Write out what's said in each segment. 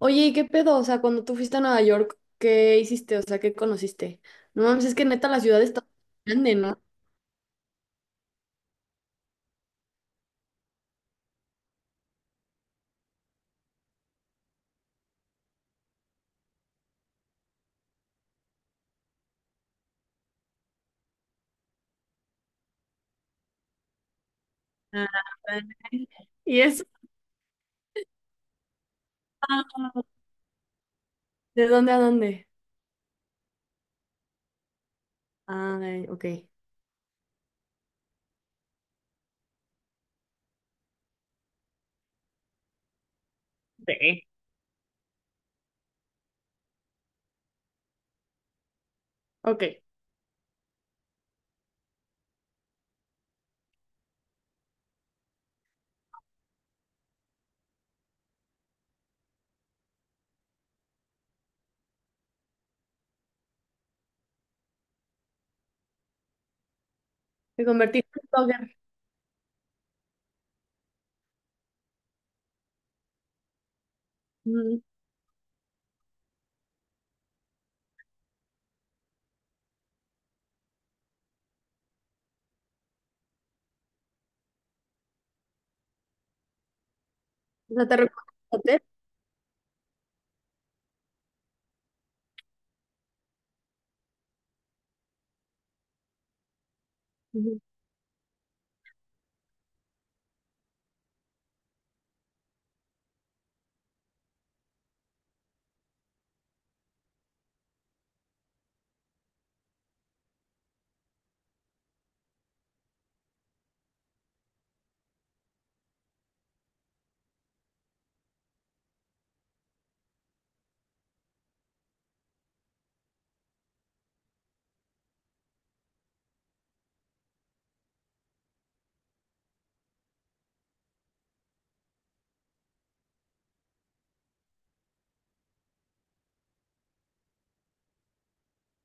Oye, ¿y qué pedo? O sea, cuando tú fuiste a Nueva York, ¿qué hiciste? O sea, ¿qué conociste? No mames, es que neta la ciudad está grande, ¿no? Ah, y eso. ¿De dónde a dónde? Ah, ok. Sí, ok. Te convertiste en blogger. Ujú. O sea, te recorres el hotel. Ujú.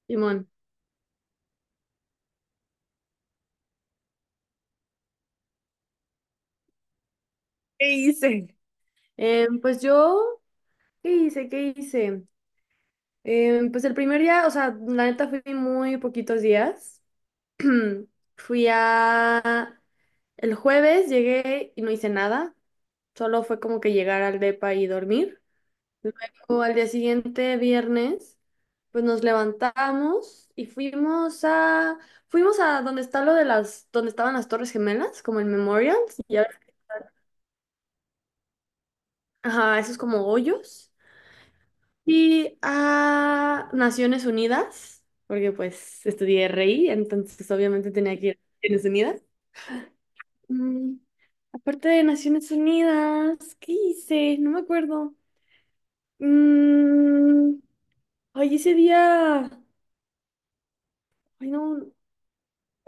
Simón. ¿Qué hice? Pues yo, ¿qué hice? ¿Qué hice? Pues el primer día, o sea, la neta fui muy poquitos días. Fui a... El jueves llegué y no hice nada, solo fue como que llegar al depa y dormir. Luego al día siguiente, viernes, pues nos levantamos y fuimos a... Fuimos a donde está lo de las... donde estaban las Torres Gemelas, como el Memorial, y ajá, esos como hoyos. Y a Naciones Unidas, porque pues estudié RI, entonces obviamente tenía que ir a Naciones Unidas. Mm, aparte de Naciones Unidas, ¿qué hice? No me acuerdo. Mm, ay, ese día. Ay, no.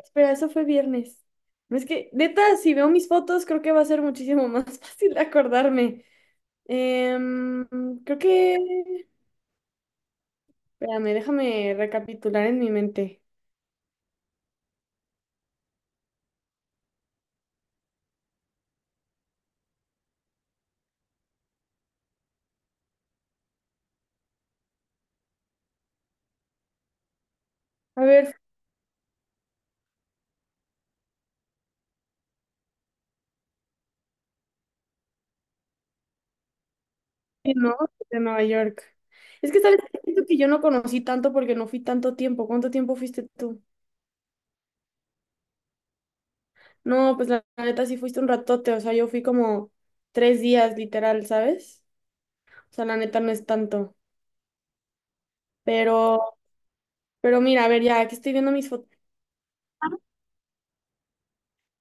Espera, eso fue viernes. No es que, neta, si veo mis fotos, creo que va a ser muchísimo más fácil acordarme. Em, Creo que. Espérame, déjame recapitular en mi mente. A ver, sí, ¿no? De Nueva York. Es que sabes, siento que yo no conocí tanto porque no fui tanto tiempo. ¿Cuánto tiempo fuiste tú? No, pues la neta sí fuiste un ratote, o sea, yo fui como tres días literal, ¿sabes? O sea, la neta no es tanto, pero, pero mira, a ver, ya, que estoy viendo mis fotos.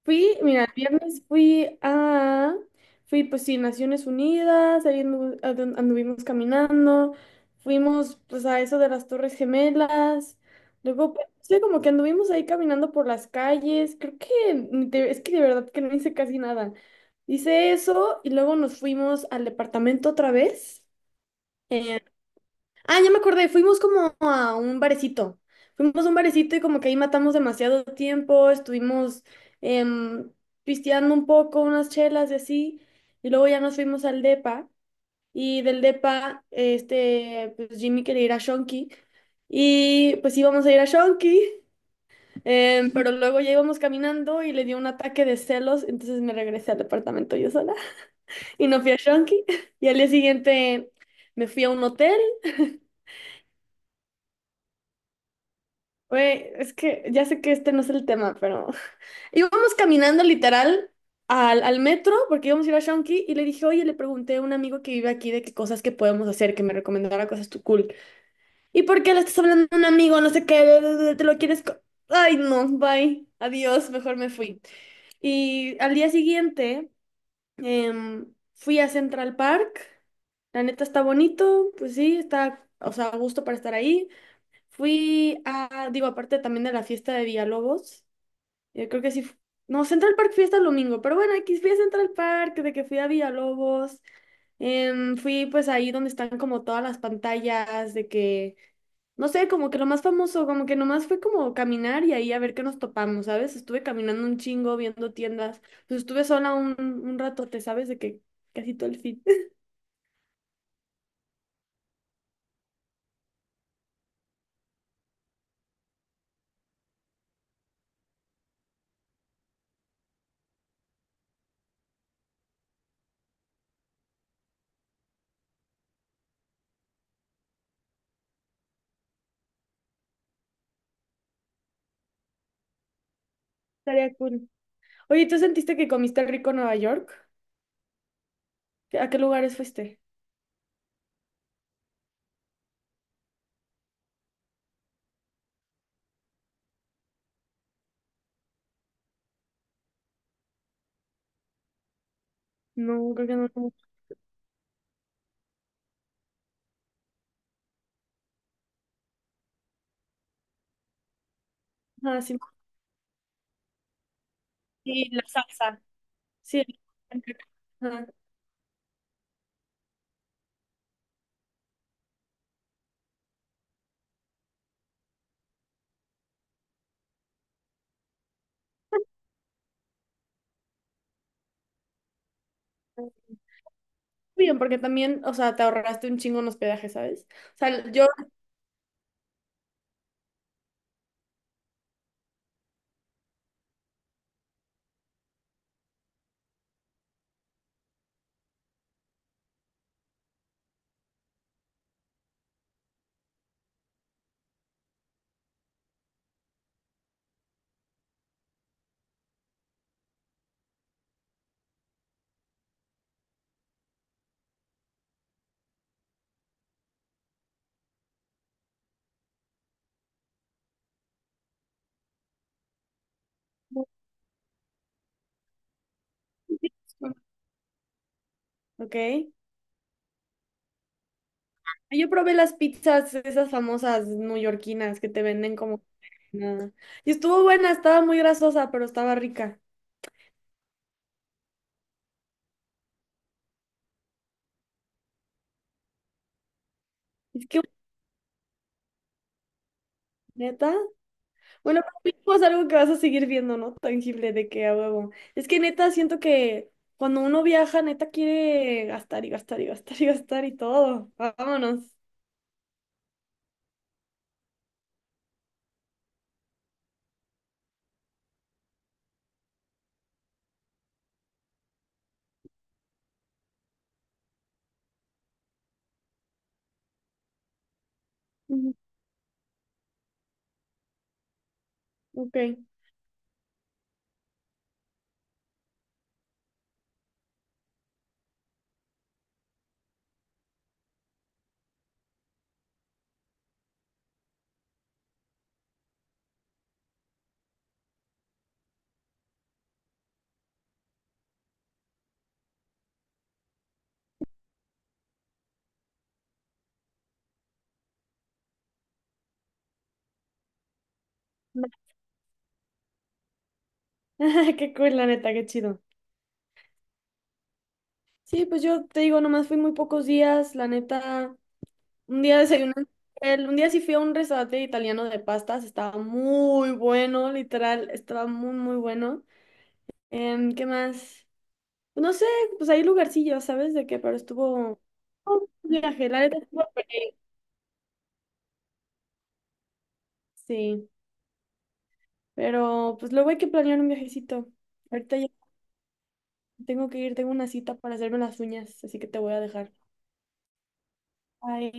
Fui, mira, el viernes fui a, fui pues sí, Naciones Unidas, ahí anduvimos caminando, fuimos pues a eso de las Torres Gemelas, luego pues, sí, como que anduvimos ahí caminando por las calles, creo que, ni te- es que de verdad que no hice casi nada. Hice eso y luego nos fuimos al departamento otra vez. Ah, ya me acordé, fuimos como a un barecito. Fuimos a un barecito y como que ahí matamos demasiado tiempo, estuvimos em, pisteando un poco, unas chelas y así, y luego ya nos fuimos al depa, y del depa, este, pues Jimmy quería ir a Shonky, y pues íbamos a ir a Shonky, pero luego ya íbamos caminando y le dio un ataque de celos, entonces me regresé al departamento yo sola, y no fui a Shonky, y al día siguiente... Me fui a un hotel. Güey, es que ya sé que este no es el tema, pero íbamos caminando literal al metro porque íbamos a ir a Shonky y le dije, oye, le pregunté a un amigo que vive aquí de qué cosas que podemos hacer, que me recomendara cosas tú cool. ¿Y por qué le estás hablando a un amigo? No sé qué, bla, bla, bla, te lo quieres... co-". Ay, no, bye, adiós, mejor me fui. Y al día siguiente fui a Central Park. La neta está bonito, pues sí, está, o sea, a gusto para estar ahí. Fui a, digo, aparte también de la fiesta de Villalobos, yo creo que sí, no, Central Park fiesta el domingo, pero bueno, aquí fui a Central Park, de que fui a Villalobos, fui pues ahí donde están como todas las pantallas, de que, no sé, como que lo más famoso, como que nomás fue como caminar y ahí a ver qué nos topamos, ¿sabes? Estuve caminando un chingo, viendo tiendas, pues estuve sola un ratote, ¿sabes? De que casi todo el fin. Estaría cool. Oye, ¿tú sentiste que comiste rico en Nueva York? ¿A qué lugares fuiste? No, creo que no. No. Ajá, sí, y la salsa. Sí. Ajá. Bien, porque también, o sea, te ahorraste un chingo en hospedaje, ¿sabes? O sea, yo... Ok. Yo probé las pizzas, esas famosas neoyorquinas que te venden como... Nada. Y estuvo buena, estaba muy grasosa, pero estaba rica. Es que, neta, bueno, pero mínimo es algo que vas a seguir viendo, ¿no? Tangible de que a huevo. Es que neta, siento que cuando uno viaja, neta quiere gastar y gastar y gastar y gastar y todo. Vámonos. Ujú, ok, va. Qué cool, la neta, qué chido. Sí, pues yo te digo, nomás fui muy pocos días, la neta. Un día desayuné, en un hotel, un día sí fui a un restaurante italiano de pastas, estaba muy bueno, literal, estaba muy, muy bueno. ¿Qué más? No sé, pues hay lugarcillos, ¿sabes de qué? Pero estuvo estuvo un viaje, la neta estuvo padre. Sí, pero pues luego hay que planear un viajecito. Ahorita ya tengo que ir, tengo una cita para hacerme las uñas, así que te voy a dejar. Bye.